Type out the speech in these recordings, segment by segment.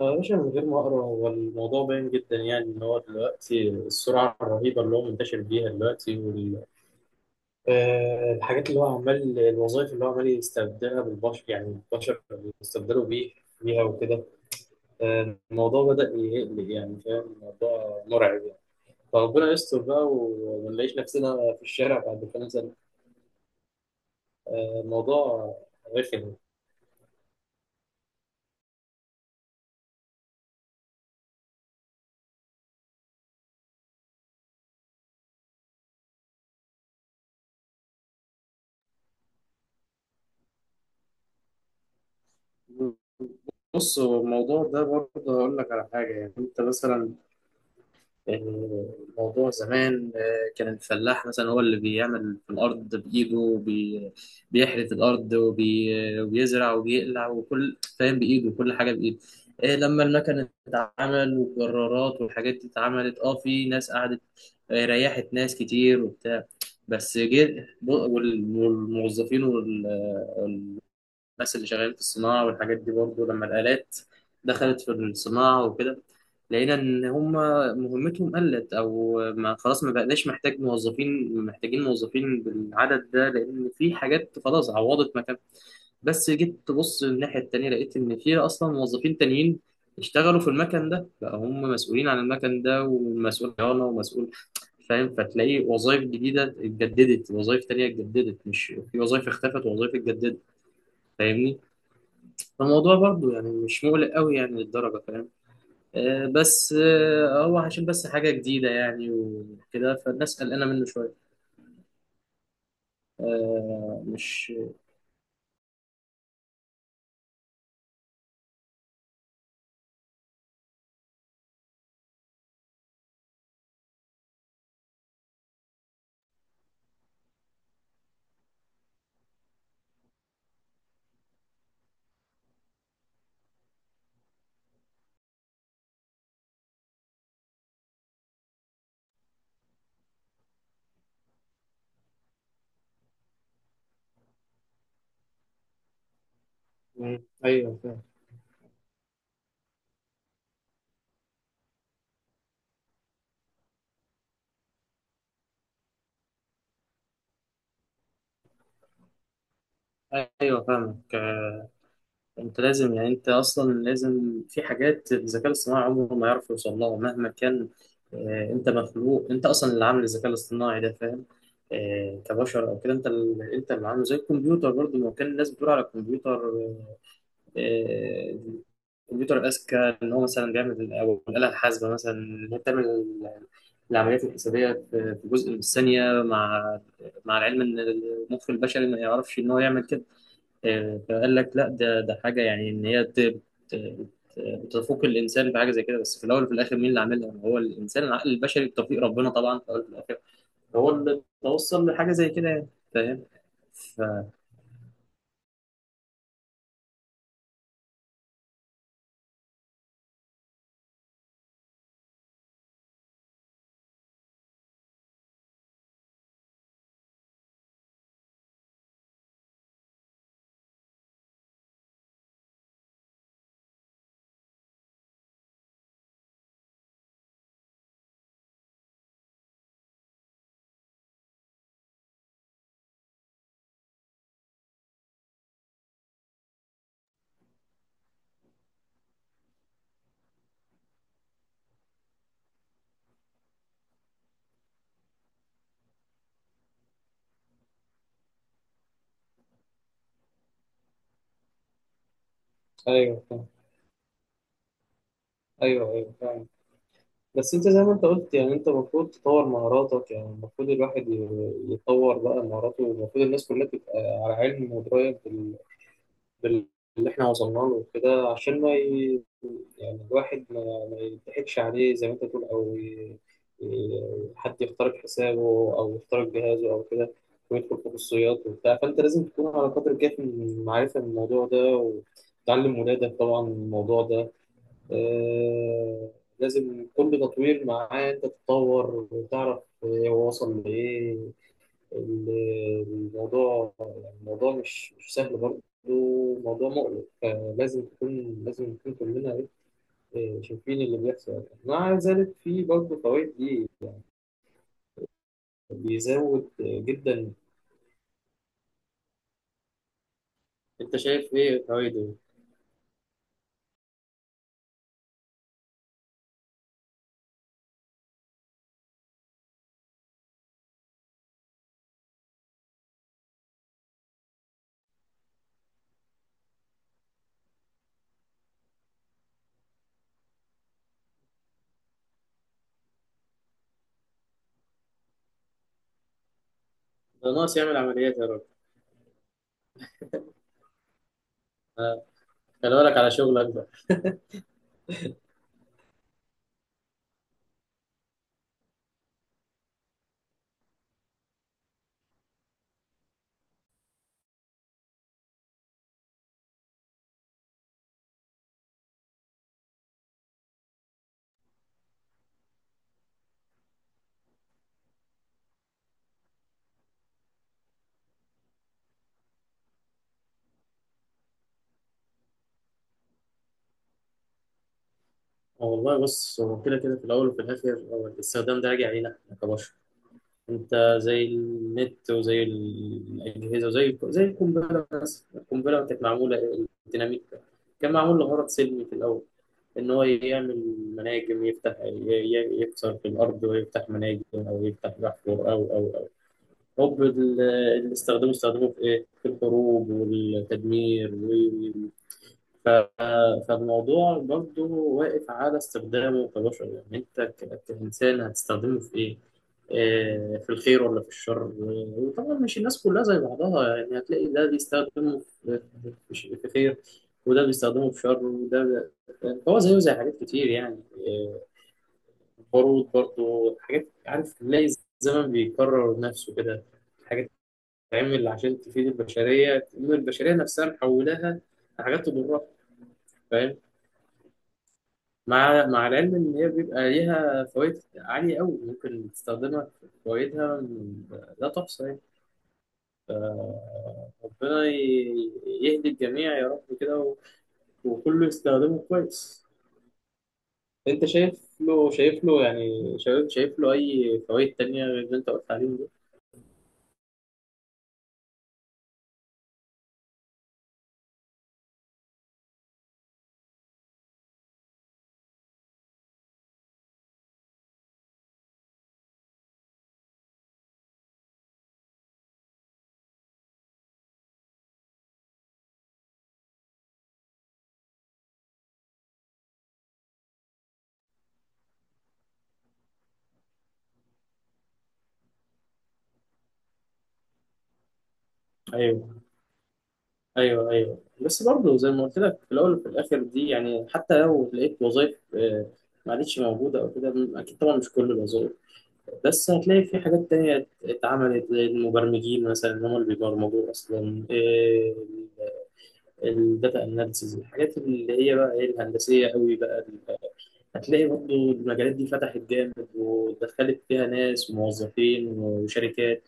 آه، يا باشا، من غير ما اقرا هو الموضوع باين جدا، يعني ان هو دلوقتي السرعه الرهيبه اللي هو منتشر بيها دلوقتي، والحاجات اللي هو عمال، الوظائف اللي هو عمال يستبدلها بالبشر، يعني البشر بيستبدلوا بيه بيها وكده. الموضوع بدأ يقلق، يعني فاهم، الموضوع مرعب يعني. فربنا يستر بقى وما نلاقيش نفسنا في الشارع بعد كام سنه. الموضوع رخم. بص، هو الموضوع ده برضه هقول لك على حاجة، يعني أنت مثلا الموضوع زمان، كان الفلاح مثلا هو اللي بيعمل في الأرض بإيده، بيحرث الأرض وبيزرع وبيقلع وكل، فاهم، بإيده، وكل حاجة بإيده. إيه، لما المكن اتعمل والجرارات والحاجات دي اتعملت، في ناس قعدت. ريحت ناس كتير وبتاع، بس جه والموظفين، الناس اللي شغالين في الصناعة والحاجات دي برضه، لما الآلات دخلت في الصناعة وكده، لقينا إن هم مهمتهم قلت، أو ما، خلاص ما بقناش محتاج موظفين، محتاجين موظفين بالعدد ده، لأن في حاجات خلاص عوضت مكان. بس جيت تبص الناحية التانية لقيت إن في أصلا موظفين تانيين اشتغلوا في المكن ده، بقى هم مسؤولين عن المكن ده، ومسؤول صيانة ومسؤول، فاهم، فتلاقي وظائف جديدة اتجددت، وظائف تانية اتجددت، مش، في وظائف اختفت ووظائف اتجددت، فاهمني. فالموضوع برضو يعني مش مقلق قوي يعني للدرجة، فاهم. آه، بس آه، هو عشان بس حاجة جديدة يعني وكده، فالناس قلقانة منه شوية. آه، مش، مم. ايوه فاهم. ايوه فاهمك. انت لازم، يعني انت اصلا لازم، في حاجات الذكاء الاصطناعي عمره ما يعرف يوصل لها مهما كان. انت مخلوق، انت اصلا اللي عامل الذكاء الاصطناعي ده، فاهم. كبشر او كده، انت اللي، انت اللي عامله، زي الكمبيوتر برضه، ما كان الناس بتقول على الكمبيوتر، آه، الكمبيوتر الأذكى، إن هو مثلا بيعمل، أو الآلة الحاسبة مثلا إن هي بتعمل العمليات الحسابية في جزء من الثانية، مع العلم إن المخ البشري ما يعرفش إن هو يعمل كده. فقال لك لا، ده حاجة يعني إن هي ت- بتفوق الإنسان بحاجة زي كده. بس في الأول وفي الآخر، مين اللي عاملها؟ هو الإنسان، العقل البشري، بتوفيق ربنا طبعا، في الأول وفي الآخر هو اللي توصل لحاجة زي كده يعني. فاهم؟ ف- ايوه فاهم. ايوه ايوه فاهم. بس انت زي ما انت قلت يعني، انت المفروض تطور مهاراتك، يعني المفروض الواحد يطور بقى مهاراته، والمفروض الناس كلها تبقى على علم ودرايه بال... اللي احنا وصلنا له وكده، عشان ما، يعني الواحد ما يضحكش عليه زي ما انت تقول، او حد يخترق حسابه، او يخترق جهازه او كده، ويدخل في خصوصيات وبتاع. فانت لازم تكون على قدر كافي من المعرفه من الموضوع ده، وتعلم ولادك طبعا الموضوع ده. آه، لازم كل تطوير معاه انت تتطور وتعرف هو وصل لايه. ال- الموضوع، يعني الموضوع مش سهل برضه، موضوع مقلق، فلازم تكون لازم نكون كلنا، شايفين اللي بيحصل يعني. مع ذلك في برضه فوائد، دي بيزود جدا. انت شايف ايه فوائده؟ ده ناقص يعمل عمليات يا راجل. آه، خلي بالك على شغلك بقى. آه، والله، بص، هو كده كده في الاول وفي الاخر هو الاستخدام ده راجع علينا احنا كبشر. انت، زي النت، وزي الاجهزه، وزي القنبله. بس القنبله كانت معموله، الديناميت كان معمول لغرض سلمي في الاول، ان هو يعمل مناجم، يفتح، يكسر في الارض ويفتح مناجم، او يفتح بحفر، او هوب، اللي استخدموه، استخدموه في ايه، في الحروب والتدمير. ف- فالموضوع برضو واقف على استخدامه كبشر، يعني انت كإنسان هتستخدمه في ايه؟ في الخير ولا في الشر؟ وطبعا مش الناس كلها زي بعضها يعني، هتلاقي ده بيستخدمه في خير، وده بيستخدمه في شر، يعني هو زيه زي حاجات كتير يعني. البارود برضو، حاجات، عارف، تلاقي الزمن بيكرر نفسه كده، حاجات تتعمل عشان تفيد البشرية، تقوم البشرية نفسها محولاها لحاجات تضرها، فاهم. مع العلم ان هي بيبقى ليها فوائد عاليه قوي، ممكن تستخدمها، في فوائدها لا تحصى يعني. ف- ربنا يهدي الجميع يا رب كده، وكله يستخدمه كويس. انت شايف له يعني، شايف له اي فوائد تانية غير اللي انت قلت عليهم دول؟ ايوه ايوه ايوه، بس برضه زي ما قلت لك، في الاول وفي الاخر، دي يعني، حتى لو لقيت وظائف، ما عادتش موجوده او كده، اكيد طبعا مش كل الوظائف، بس هتلاقي في حاجات تانية اتعملت، زي المبرمجين مثلا، هم اللي بيبرمجوا أصلا الداتا أناليسيز، الحاجات اللي هي بقى الهندسية قوي بقى، هتلاقي برضه المجالات دي فتحت جامد، ودخلت فيها ناس، موظفين وشركات،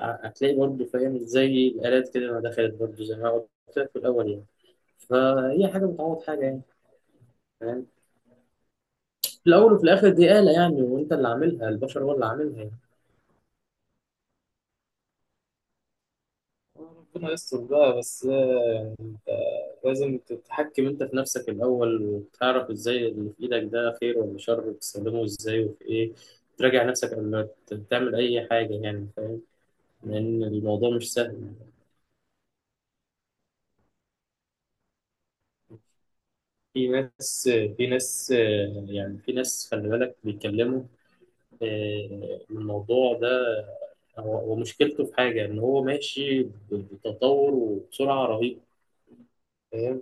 هتلاقي برضه، فاهم، زي الآلات كده ما دخلت، برضه زي ما قلت لك في الأول يعني، فهي حاجة بتعوض حاجة يعني، فاهم. في الأول وفي الآخر دي آلة يعني، وأنت اللي عاملها، البشر هو اللي عاملها يعني. ربنا يستر بقى، بس لازم تتحكم انت في نفسك الاول، وتعرف ازاي اللي في ايدك ده خير ولا شر، وتستخدمه ازاي وفي ايه، تراجع نفسك قبل ما تعمل اي حاجه يعني، فاهم. لان الموضوع مش سهل. في ناس في ناس يعني في ناس، خلي بالك بيتكلموا. الموضوع ده هو مشكلته في حاجه ان هو ماشي بتطور وبسرعه رهيبه، فاهم.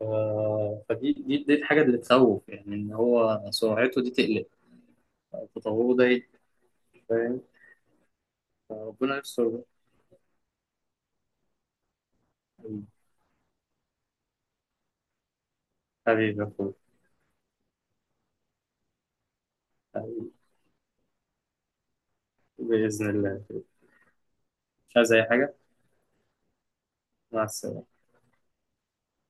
ف- فدي دي دي الحاجه اللي تخوف، يعني ان هو سرعته دي تقلق، تطوره ده، فاهم. ربنا يستر بقى. حبيبي يا اخويا. حبيبي. بإذن الله. مش عايز أي حاجة. مع السلامة.